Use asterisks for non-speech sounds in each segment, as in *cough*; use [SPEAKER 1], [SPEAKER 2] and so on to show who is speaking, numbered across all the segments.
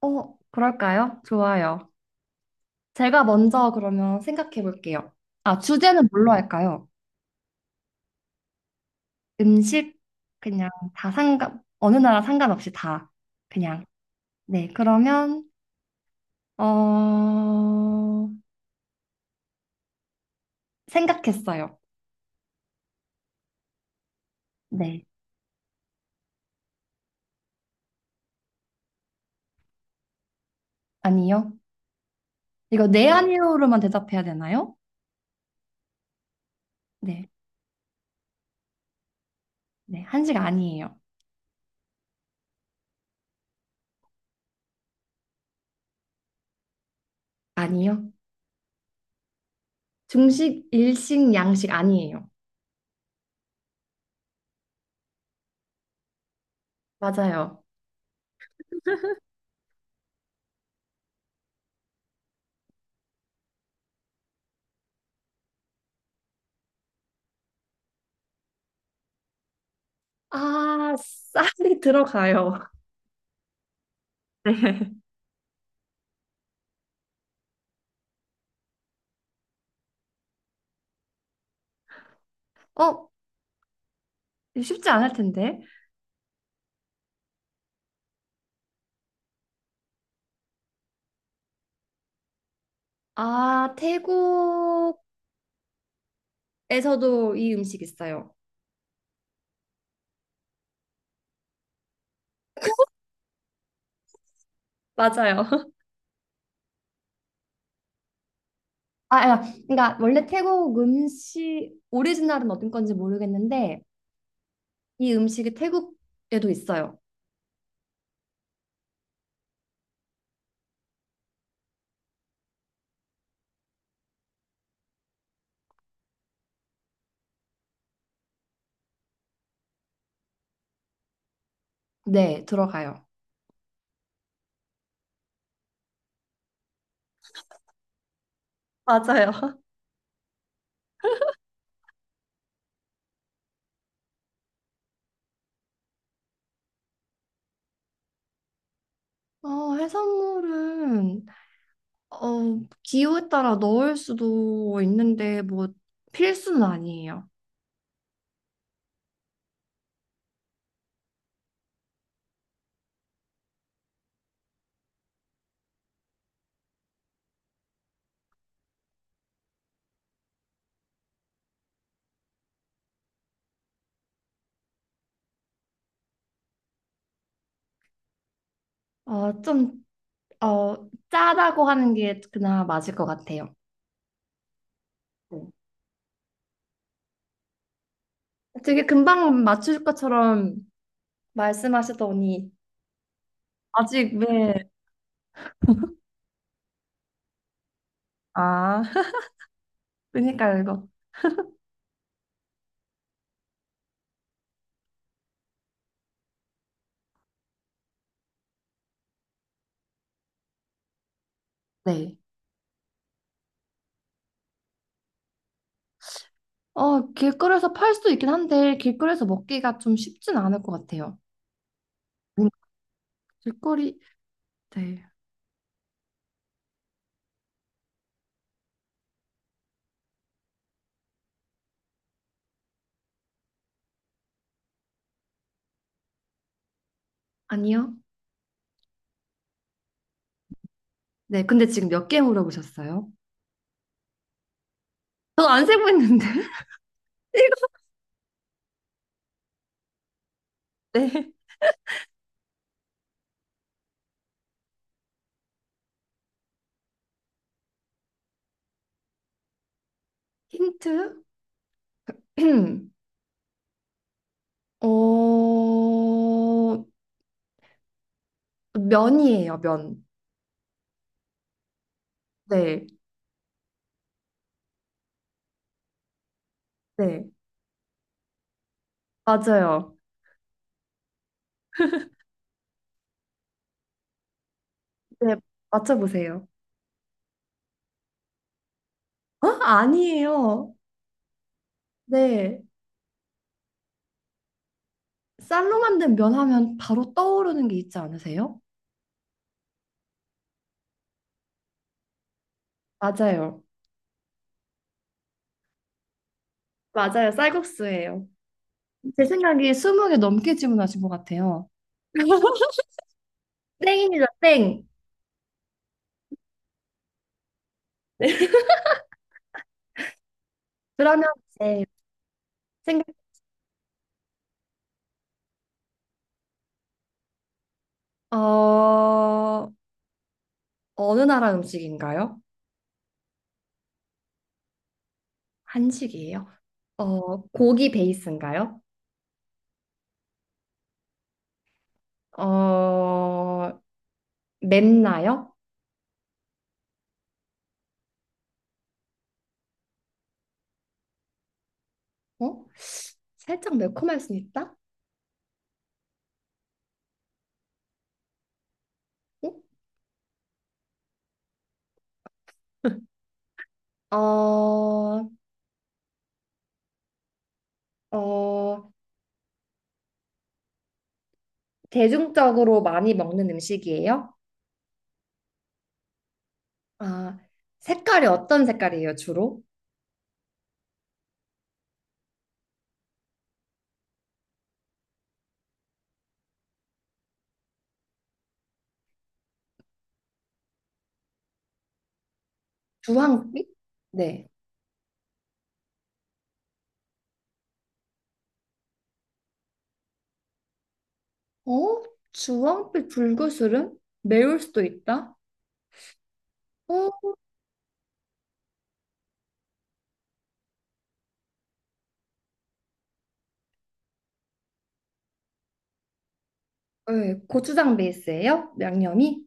[SPEAKER 1] 그럴까요? 좋아요. 제가 먼저 그러면 생각해 볼게요. 아, 주제는 뭘로 할까요? 음식, 그냥 다 상관, 어느 나라 상관없이 다, 그냥. 네, 그러면, 어, 생각했어요. 네, 아니요. 이거 네, 아니요로만 대답해야 되나요? 네, 네, 한식 아니에요. 아니요. 중식, 일식, 양식 아니에요. 맞아요. 아, 쌀이 들어가요. *laughs* 네. 쉽지 않을 텐데. 아, 태국에서도 이 음식 있어요. 맞아요. *laughs* 아, 아, 그러니까 원래 태국 음식 오리지널은 어떤 건지 모르겠는데 이 음식이 태국에도 있어요. 네, 들어가요. 맞아요. 해산물은 기호에 따라 넣을 수도 있는데 뭐 필수는 아니에요. 어, 좀 어, 짜다고 하는 게 그나마 맞을 것 같아요. 네. 되게 금방 맞출 것처럼 말씀하시더니 아직 왜, 아, *laughs* 그니까요, 이거. 네. 길거리에서 팔 수도 있긴 한데 길거리에서 먹기가 좀 쉽진 않을 것 같아요. 음, 길거리, 네. 아니요? 네, 근데 지금 몇 개 물어보셨어요? 저 안 세고 있는데. *laughs* 일곱 네. 힌트? *clears throat* 어, 면이에요, 면. 네, 네. 맞아요. 네, 맞춰보세요. 어? 아니에요. 네. 쌀로 만든 면 하면 바로 떠오르는 게 있지 않으세요? 맞아요. 맞아요. 쌀국수예요. 제 생각에 20개 넘게 질문하신 것 같아요. *laughs* 땡입니다. 땡. 그러면 이제 생각 어 어느 나라 음식인가요? 한식이에요. 어 고기 베이스인가요? 어 맵나요? 어? 살짝 매콤할 수 있다? 어? *laughs* 어, 어, 대중적으로 많이 먹는 음식이에요? 아, 색깔이 어떤 색깔이에요, 주로? 주황빛? 네. 어? 주황빛 불그술은 매울 수도 있다? 어? 네. 고추장 베이스예요? 양념이?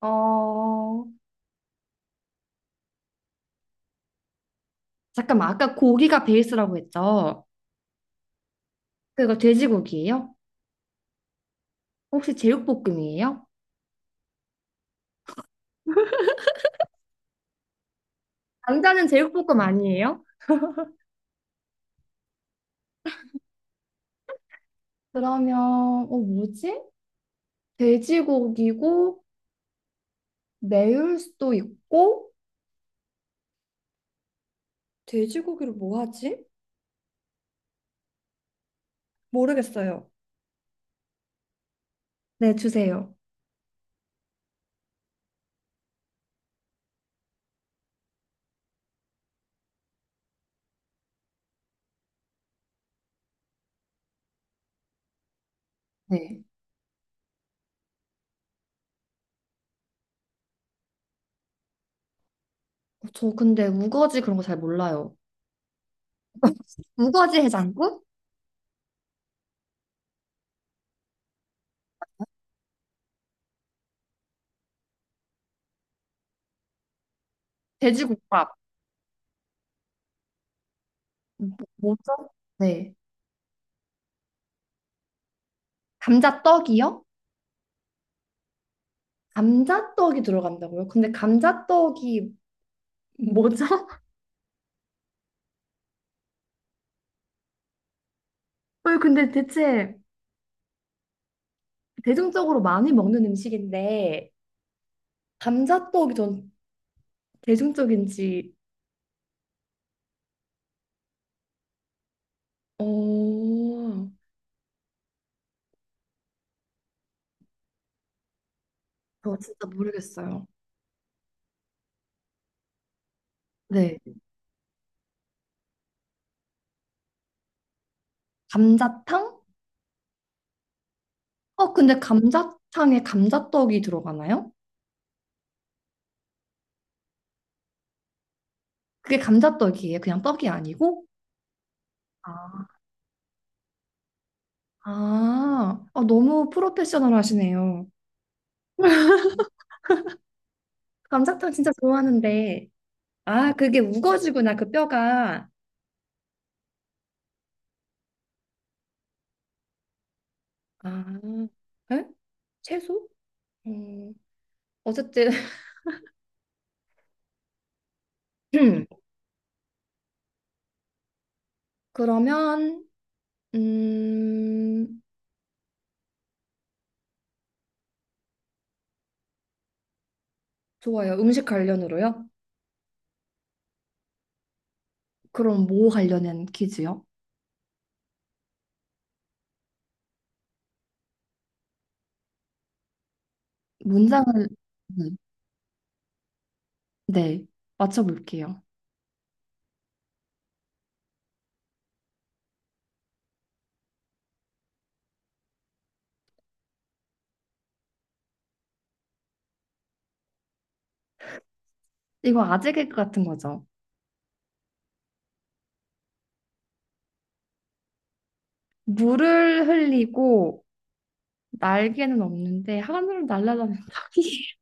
[SPEAKER 1] 어, 잠깐만. 아까 고기가 베이스라고 했죠? 그거 돼지고기예요? 혹시 제육볶음이에요? 당자는 제육볶음 아니에요? 그러면, 어, 뭐지? 돼지고기고, 매울 수도 있고, 돼지고기를 뭐 하지? 모르겠어요. 네, 주세요. 네. 저 근데 우거지 그런 거 잘 몰라요. 우거지 해장국? 돼지국밥. 뭐- 뭐죠? 네. 감자떡이요? 감자떡이 들어간다고요? 근데 감자떡이 뭐죠? *laughs* 어, 근데 대체 대중적으로 많이 먹는 음식인데 감자떡이 전 대중적인지 어, 저 진짜 모르겠어요. 네. 감자탕? 어, 근데 감자탕에 감자떡이 들어가나요? 그게 감자떡이에요? 그냥 떡이 아니고? 아, 너무 프로페셔널 하시네요. 감자탕 진짜 좋아하는데. 아, 그게 우거지구나, 그 뼈가. 아, 에? 채소? 음, 어쨌든, *clears throat* 그러면, 음, 좋아요. 음식 관련으로요? 그럼 뭐 관련된 퀴즈요? 문장을, 네, 네, 맞춰볼게요. 이거 아재 개그 같은 거죠? 물을 흘리고 날개는 없는데 하늘을 날아다니는 닭이 *laughs*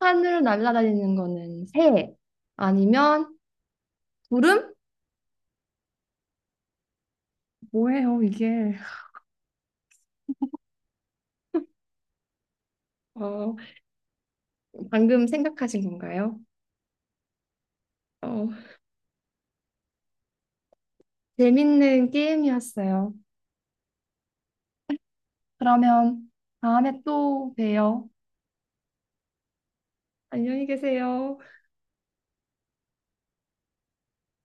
[SPEAKER 1] 하늘을 날아다니는 거는 새 아니면 구름? 뭐예요 이게? 어, 방금 생각하신 건가요? 어, 재밌는 게임이었어요. 그러면 다음에 또 봬요. 안녕히 계세요.